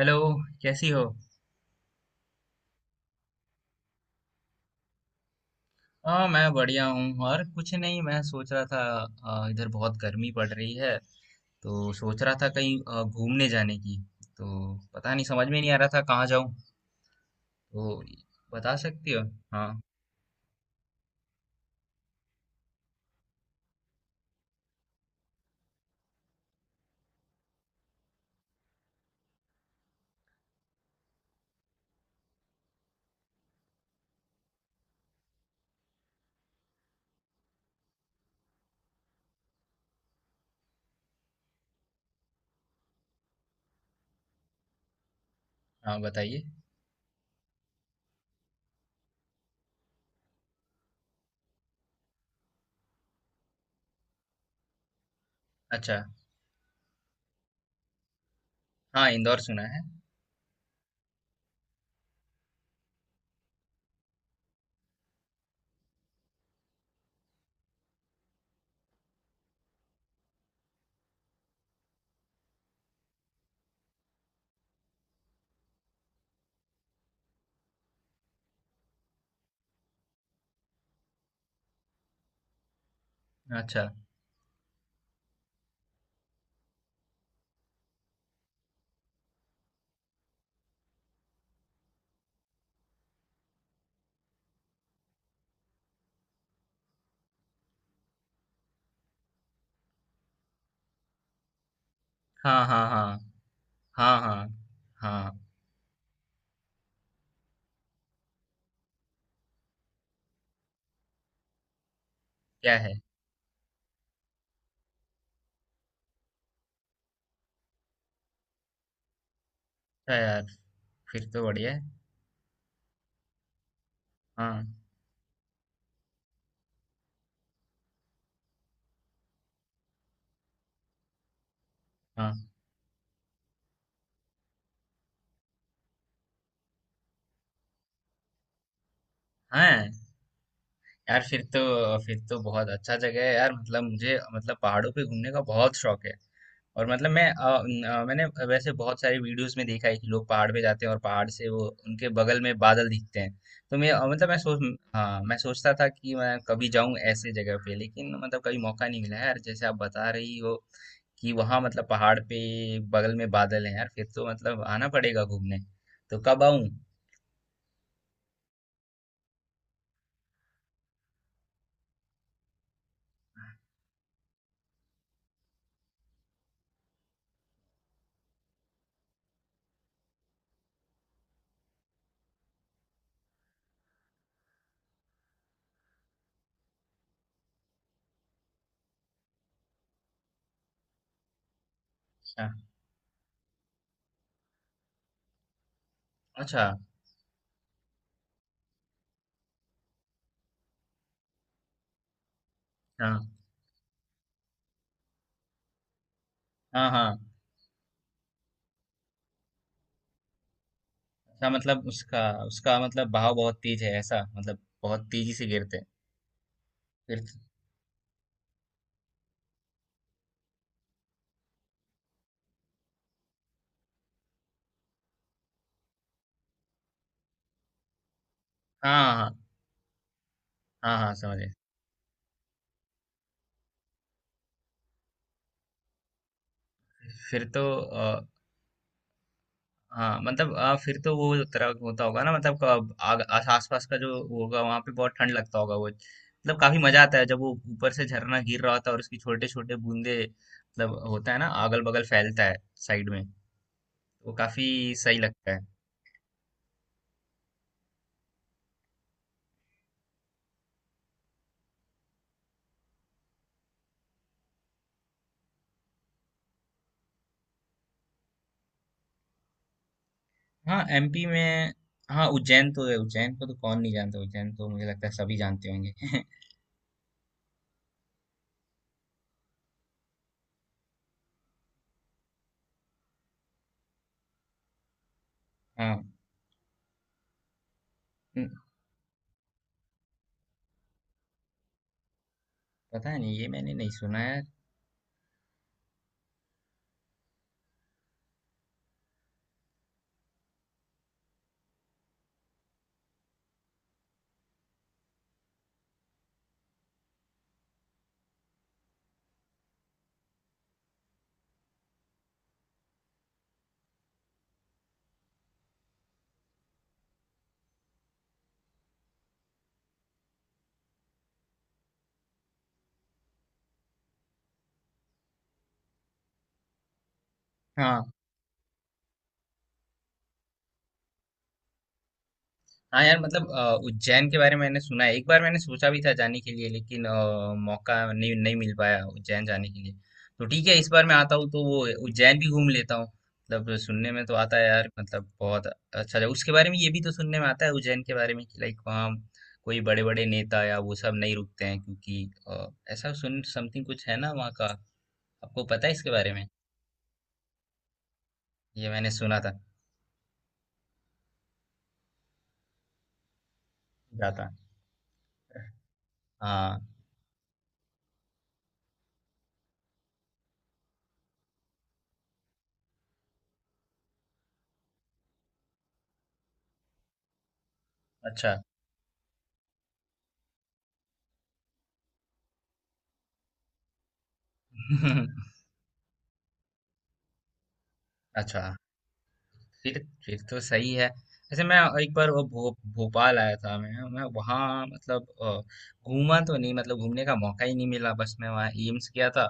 Hello. कैसी हो। हाँ मैं बढ़िया हूँ और कुछ नहीं, मैं सोच रहा था। इधर बहुत गर्मी पड़ रही है, तो सोच रहा था कहीं घूमने जाने की। तो पता नहीं, समझ में नहीं आ रहा था कहाँ जाऊँ, तो बता सकती हो। हाँ। हाँ बताइए। अच्छा। हाँ, इंदौर सुना है। अच्छा। हाँ हाँ हाँ। हाँ हाँ हाँ। क्या है। अच्छा यार, फिर तो बढ़िया है। हाँ हाँ हाँ। यार फिर तो, फिर तो बहुत अच्छा जगह है यार। मतलब मुझे, मतलब पहाड़ों पे घूमने का बहुत शौक है। और मतलब मैं मैंने वैसे बहुत सारी वीडियोस में देखा है कि लोग पहाड़ पे जाते हैं और पहाड़ से वो उनके बगल में बादल दिखते हैं। तो मैं मतलब मैं सोच, हाँ मैं सोचता था कि मैं कभी जाऊं ऐसे जगह पे, लेकिन मतलब कभी मौका नहीं मिला है यार। जैसे आप बता रही हो कि वहां मतलब पहाड़ पे बगल में बादल है यार, फिर तो मतलब आना पड़ेगा घूमने। तो कब आऊं। अच्छा। अच्छा। हाँ हाँ हाँ। अच्छा मतलब उसका उसका मतलब बहाव बहुत तेज है ऐसा, मतलब बहुत तेजी से गिरते हैं। फिर तो, हाँ हाँ। हाँ हाँ समझे। फिर तो हाँ मतलब फिर तो वो तरह होता होगा ना, मतलब आस आसपास का जो होगा वहां पे बहुत ठंड लगता होगा वो। मतलब काफी मजा आता है जब वो ऊपर से झरना गिर रहा होता है और उसकी छोटे छोटे बूंदे, मतलब होता है ना अगल बगल फैलता है साइड में। वो काफी सही लगता है। हाँ एमपी में। हाँ उज्जैन तो है, उज्जैन को तो कौन नहीं जानता, उज्जैन तो मुझे लगता है सभी जानते होंगे हाँ। हम्म। पता नहीं, ये मैंने नहीं सुना है। हाँ। हाँ यार, मतलब उज्जैन के बारे में मैंने सुना है, एक बार मैंने सोचा भी था जाने के लिए, लेकिन मौका नहीं नहीं मिल पाया उज्जैन जाने के लिए। तो ठीक है, इस बार मैं आता हूँ तो वो उज्जैन भी घूम लेता हूँ। मतलब सुनने में तो आता है यार, मतलब बहुत अच्छा जगह उसके बारे में। ये भी तो सुनने में आता है उज्जैन के बारे में कि लाइक वहाँ कोई बड़े बड़े नेता या वो सब नहीं रुकते हैं, क्योंकि ऐसा सुन समथिंग कुछ है ना वहाँ का। आपको पता है इसके बारे में। ये मैंने सुना था। जाता। हाँ। अच्छा। अच्छा। फिर फिर तो सही है। वैसे मैं एक बार वो भोपाल आया था। मैं वहाँ मतलब घूमा तो नहीं, मतलब घूमने का मौका ही नहीं मिला, बस मैं वहाँ एम्स गया था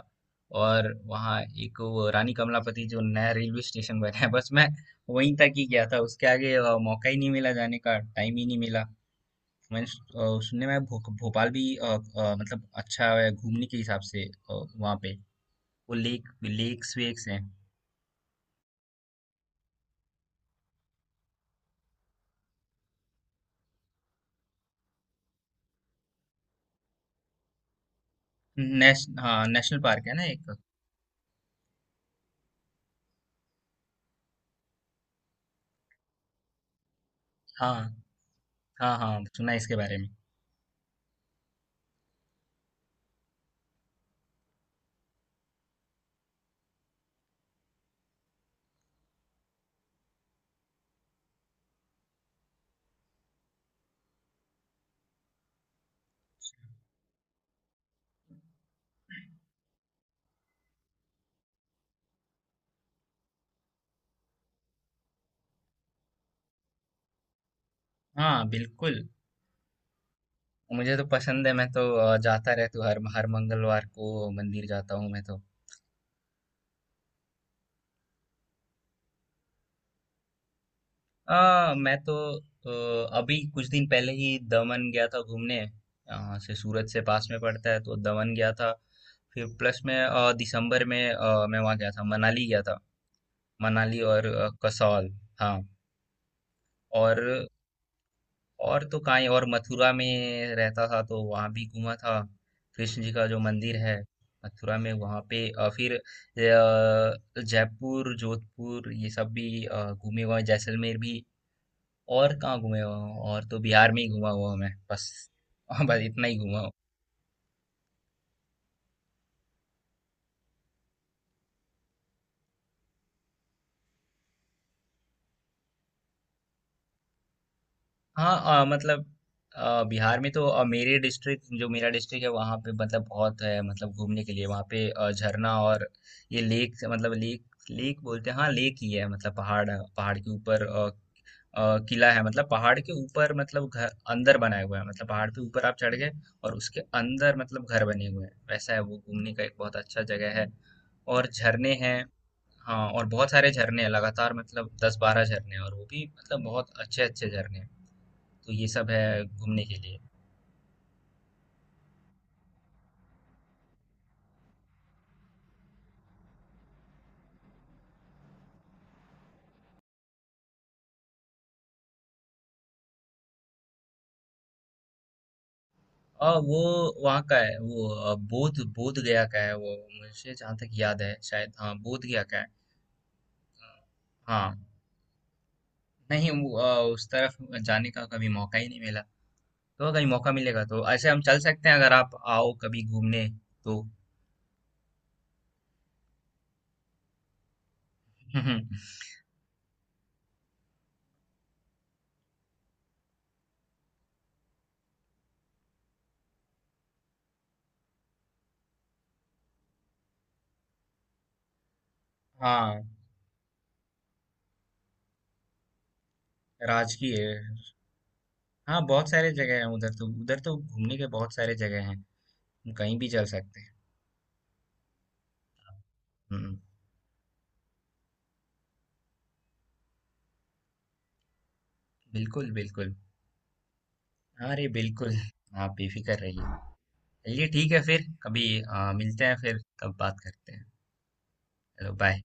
और वहाँ एक वो रानी कमलापति जो नया रेलवे स्टेशन बना है, बस मैं वहीं तक ही गया था। उसके आगे मौका ही नहीं मिला जाने का, टाइम ही नहीं मिला। सुनने में भोपाल भी मतलब अच्छा है घूमने के हिसाब से। वहाँ पे वो लेक, लेक्स वेक्स हैं। हाँ नेशनल पार्क है ना एक। हाँ। हाँ, हाँ, सुना है इसके बारे में। हाँ, बिल्कुल, मुझे तो पसंद है, मैं तो जाता रहता हूँ, हर हर मंगलवार को मंदिर जाता हूँ मैं तो। मैं तो अभी कुछ दिन पहले ही दमन गया था घूमने, यहाँ से सूरत से पास में पड़ता है, तो दमन गया था। फिर प्लस में दिसंबर में मैं वहाँ गया था। मनाली और कसौल, हाँ। और और तो कांई, और मथुरा में रहता था तो वहाँ भी घूमा था, कृष्ण जी का जो मंदिर है मथुरा में वहाँ पे। फिर जयपुर जोधपुर ये सब भी घूमे हुआ हूं, जैसलमेर भी। और कहाँ घूमे हुआ हूँ, और तो बिहार में ही घूमा हुआ हूँ मैं बस बस इतना ही घूमा हूँ। हाँ मतलब बिहार में तो मेरे डिस्ट्रिक्ट, जो मेरा डिस्ट्रिक्ट है वहाँ पे मतलब बहुत है, मतलब घूमने के लिए। वहाँ पे झरना और ये लेक, मतलब लेक लेक बोलते हैं, हाँ लेक ही है। मतलब पहाड़ है, पहाड़ के ऊपर किला है। मतलब पहाड़ के ऊपर, मतलब घर अंदर बनाया हुआ है, मतलब पहाड़ पे ऊपर आप चढ़ गए और उसके अंदर मतलब घर बने हुए हैं, वैसा है। वो घूमने का एक बहुत अच्छा जगह है, और झरने हैं। हाँ और बहुत सारे झरने हैं लगातार, मतलब 10-12 झरने हैं और वो भी मतलब बहुत अच्छे अच्छे झरने हैं, तो ये सब है घूमने के लिए। और वो वहाँ का है वो, अ, बोध बोध गया का है वो। मुझे जहाँ तक याद है, शायद हाँ, बोध गया का है। हाँ। नहीं वो, उस तरफ जाने का कभी मौका ही नहीं मिला। तो कभी मौका मिलेगा तो ऐसे हम चल सकते हैं, अगर आप आओ कभी घूमने तो हाँ राजकीय, हाँ बहुत सारे जगह हैं उधर। तो उधर तो घूमने के बहुत सारे जगह हैं, हम कहीं भी चल सकते हैं। हम्म। बिल्कुल बिल्कुल। अरे बिल्कुल, आप बेफिक्र रहिए। चलिए ठीक है, फिर कभी मिलते हैं, फिर तब बात करते हैं। Hello bye.